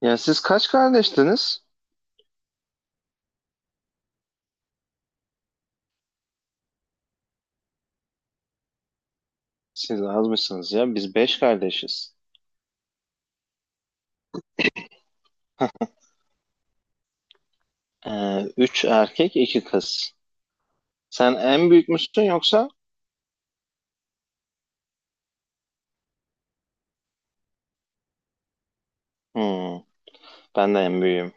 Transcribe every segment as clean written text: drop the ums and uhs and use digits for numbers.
Ya siz kaç kardeştiniz? Siz azmışsınız ya. Biz beş kardeşiz. Üç erkek, iki kız. Sen en büyük müsün yoksa? Hmm, Ben de en büyüğüm.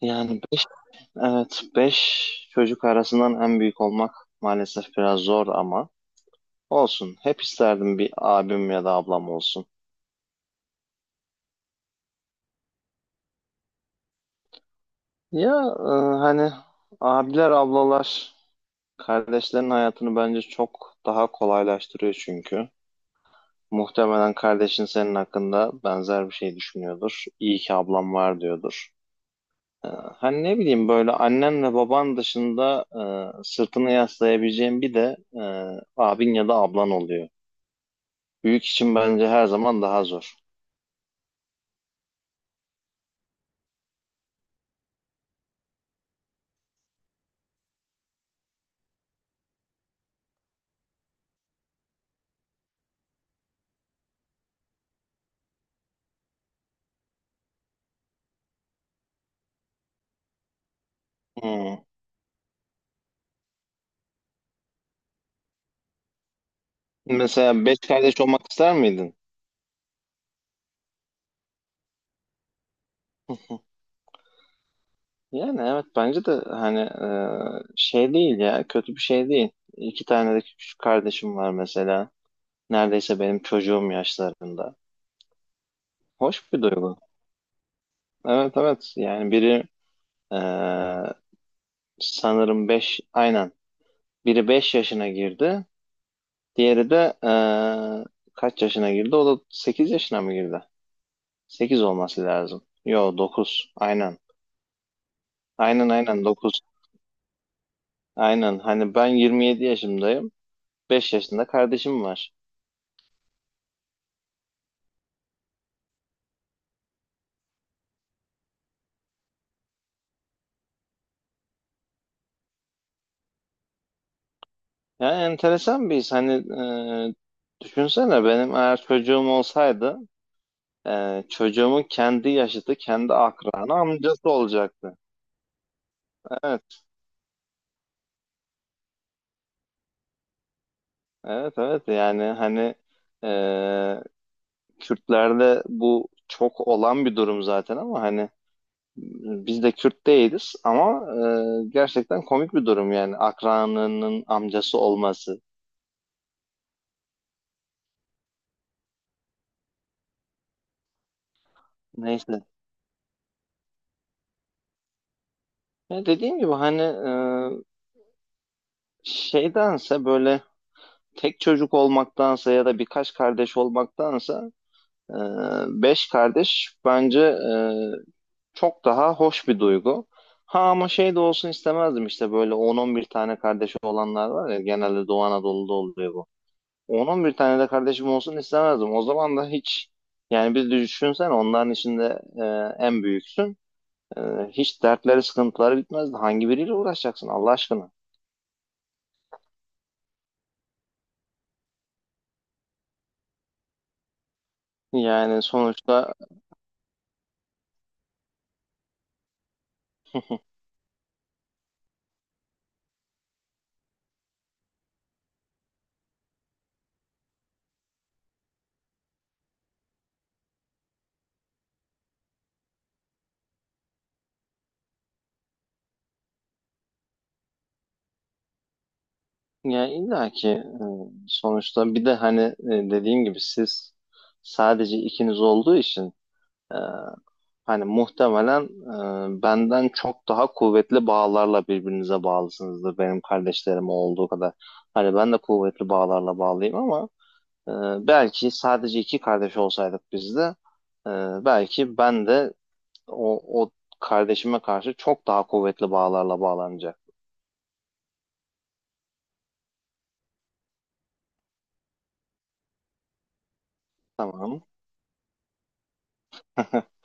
Yani be- evet, beş çocuk arasından en büyük olmak maalesef biraz zor ama olsun. Hep isterdim bir abim ya da ablam olsun. Ya e, hani abiler, ablalar kardeşlerin hayatını bence çok daha kolaylaştırıyor çünkü. Muhtemelen kardeşin senin hakkında benzer bir şey düşünüyordur. İyi ki ablam var diyordur. Hani ne bileyim böyle annenle baban dışında sırtını yaslayabileceğin bir de abin ya da ablan oluyor. Büyük için bence her zaman daha zor. Hmm. Mesela beş kardeş olmak ister miydin? Yani evet bence de hani şey değil ya, kötü bir şey değil. İki tane de küçük kardeşim var mesela. Neredeyse benim çocuğum yaşlarında. Hoş bir duygu. Evet, evet, yani biri e, sanırım beş, aynen, biri 5 yaşına girdi, diğeri de e, kaç yaşına girdi, o da 8 yaşına mı girdi? 8 olması lazım, yo 9, aynen, aynen, aynen 9, aynen. Hani ben 27 yaşındayım, 5 yaşında kardeşim var. Yani enteresan bir his. Hani düşünsene, benim eğer çocuğum olsaydı, çocuğumun kendi yaşıtı, kendi akranı amcası olacaktı. Evet. Evet, evet, yani hani e, Kürtlerde bu çok olan bir durum zaten ama hani biz de Kürt değiliz ama gerçekten komik bir durum yani, akranının amcası olması. Neyse. Ya dediğim gibi hani şeydense, böyle tek çocuk olmaktansa ya da birkaç kardeş olmaktansa e, beş kardeş bence çok daha hoş bir duygu. Ha ama şey de olsun istemezdim, işte böyle 10-11 tane kardeşi olanlar var ya, genelde Doğu Anadolu'da oluyor bu. 10-11 tane de kardeşim olsun istemezdim. O zaman da hiç, yani bir düşünsen, onların içinde en büyüksün. E, Hiç dertleri, sıkıntıları bitmezdi. Hangi biriyle uğraşacaksın Allah aşkına? Yani sonuçta, yani illa ki sonuçta bir de hani dediğim gibi siz sadece ikiniz olduğu için, e, hani muhtemelen benden çok daha kuvvetli bağlarla birbirinize bağlısınızdır, benim kardeşlerim olduğu kadar. Hani ben de kuvvetli bağlarla bağlıyım ama e, belki sadece iki kardeş olsaydık biz de, e, belki ben de o kardeşime karşı çok daha kuvvetli bağlarla bağlanacak. Tamam.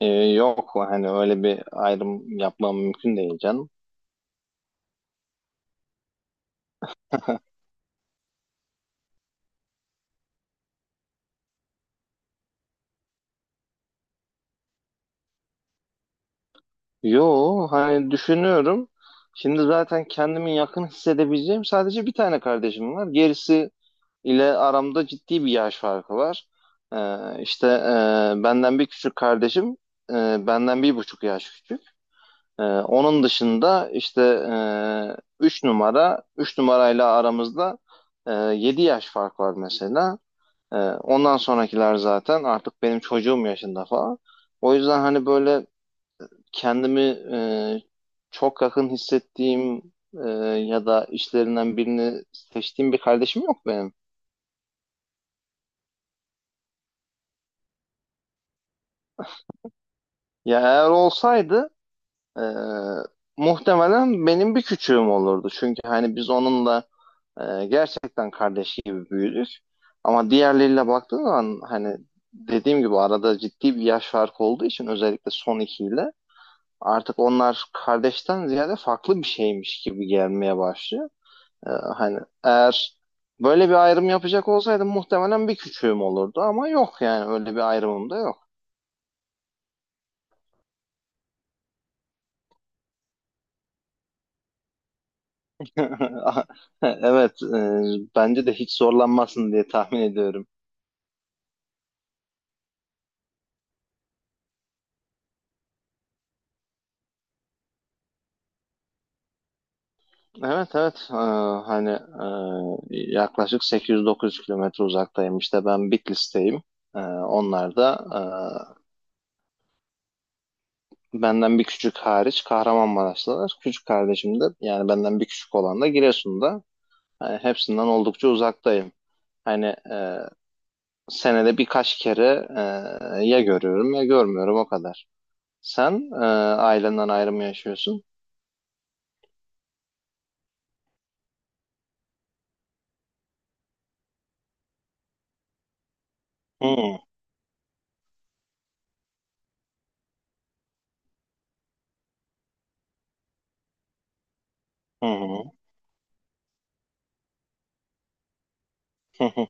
E, Yok, hani öyle bir ayrım yapmam mümkün değil canım. Yo hani, düşünüyorum. Şimdi zaten kendimi yakın hissedebileceğim sadece bir tane kardeşim var. Gerisi ile aramda ciddi bir yaş farkı var. İşte benden bir küçük kardeşim, benden 1,5 yaş küçük. Onun dışında işte üç numara, üç numarayla aramızda 7 yaş fark var mesela. Ondan sonrakiler zaten artık benim çocuğum yaşında falan. O yüzden hani böyle kendimi çok yakın hissettiğim ya da işlerinden birini seçtiğim bir kardeşim yok benim. Ya eğer olsaydı e, muhtemelen benim bir küçüğüm olurdu. Çünkü hani biz onunla gerçekten kardeş gibi büyüdük. Ama diğerleriyle baktığın zaman, hani dediğim gibi, arada ciddi bir yaş farkı olduğu için özellikle son ikiyle artık onlar kardeşten ziyade farklı bir şeymiş gibi gelmeye başlıyor. Ee, Hani eğer böyle bir ayrım yapacak olsaydım muhtemelen bir küçüğüm olurdu, ama yok yani, öyle bir ayrımım da yok. Evet, bence de hiç zorlanmazsın diye tahmin ediyorum. Evet, evet. Hani yaklaşık 800-900 kilometre uzaktayım, işte ben Bitlis'teyim. Onlar da benden bir küçük hariç Kahramanmaraşlılar. Küçük kardeşim de, yani benden bir küçük olan da Giresun'da. Yani hepsinden oldukça uzaktayım. Hani senede birkaç kere ya görüyorum ya görmüyorum, o kadar. Sen ailenden ayrı mı yaşıyorsun? Hı hı, hı hı.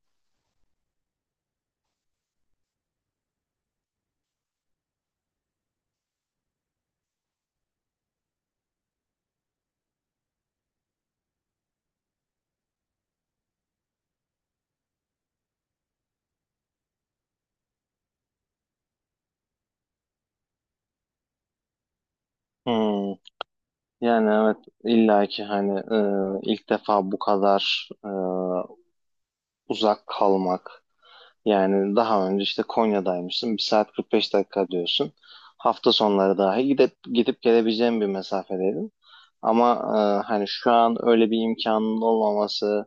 Hı. Yani evet, illaki hani ilk defa bu kadar uzak kalmak. Yani daha önce işte Konya'daymışsın. Bir saat 45 dakika diyorsun. Hafta sonları dahi gidip, gidip gelebileceğim bir mesafedeydin. Ama hani şu an öyle bir imkanın olmaması,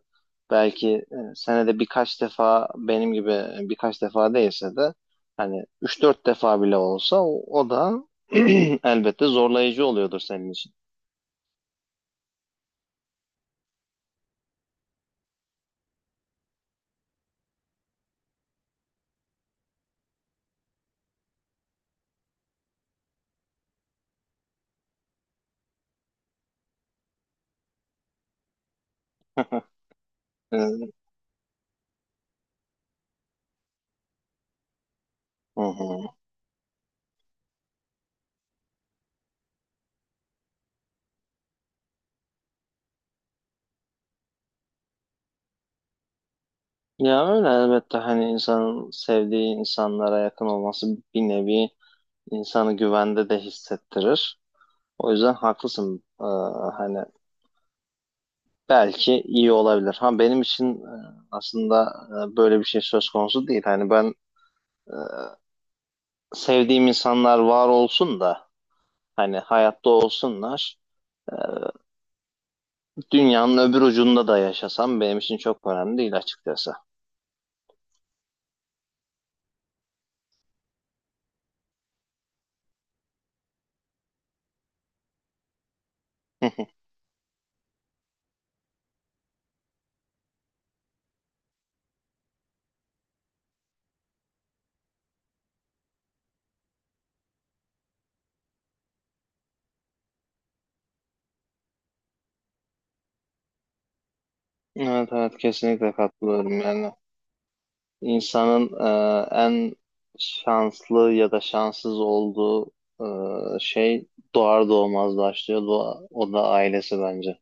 belki senede birkaç defa benim gibi, birkaç defa değilse de hani üç dört defa bile olsa o da elbette zorlayıcı oluyordur senin için. Ee, Hı hı. Ya öyle, elbette hani insanın sevdiği insanlara yakın olması bir nevi insanı güvende de hissettirir. O yüzden haklısın. Hani belki iyi olabilir. Ha benim için aslında böyle bir şey söz konusu değil. Hani ben sevdiğim insanlar var olsun da, hani hayatta olsunlar. E, Dünyanın öbür ucunda da yaşasam benim için çok önemli değil açıkçası. Evet, evet, kesinlikle katılıyorum yani. İnsanın en şanslı ya da şanssız olduğu şey doğar doğmaz başlıyor. Doğa- o da ailesi bence.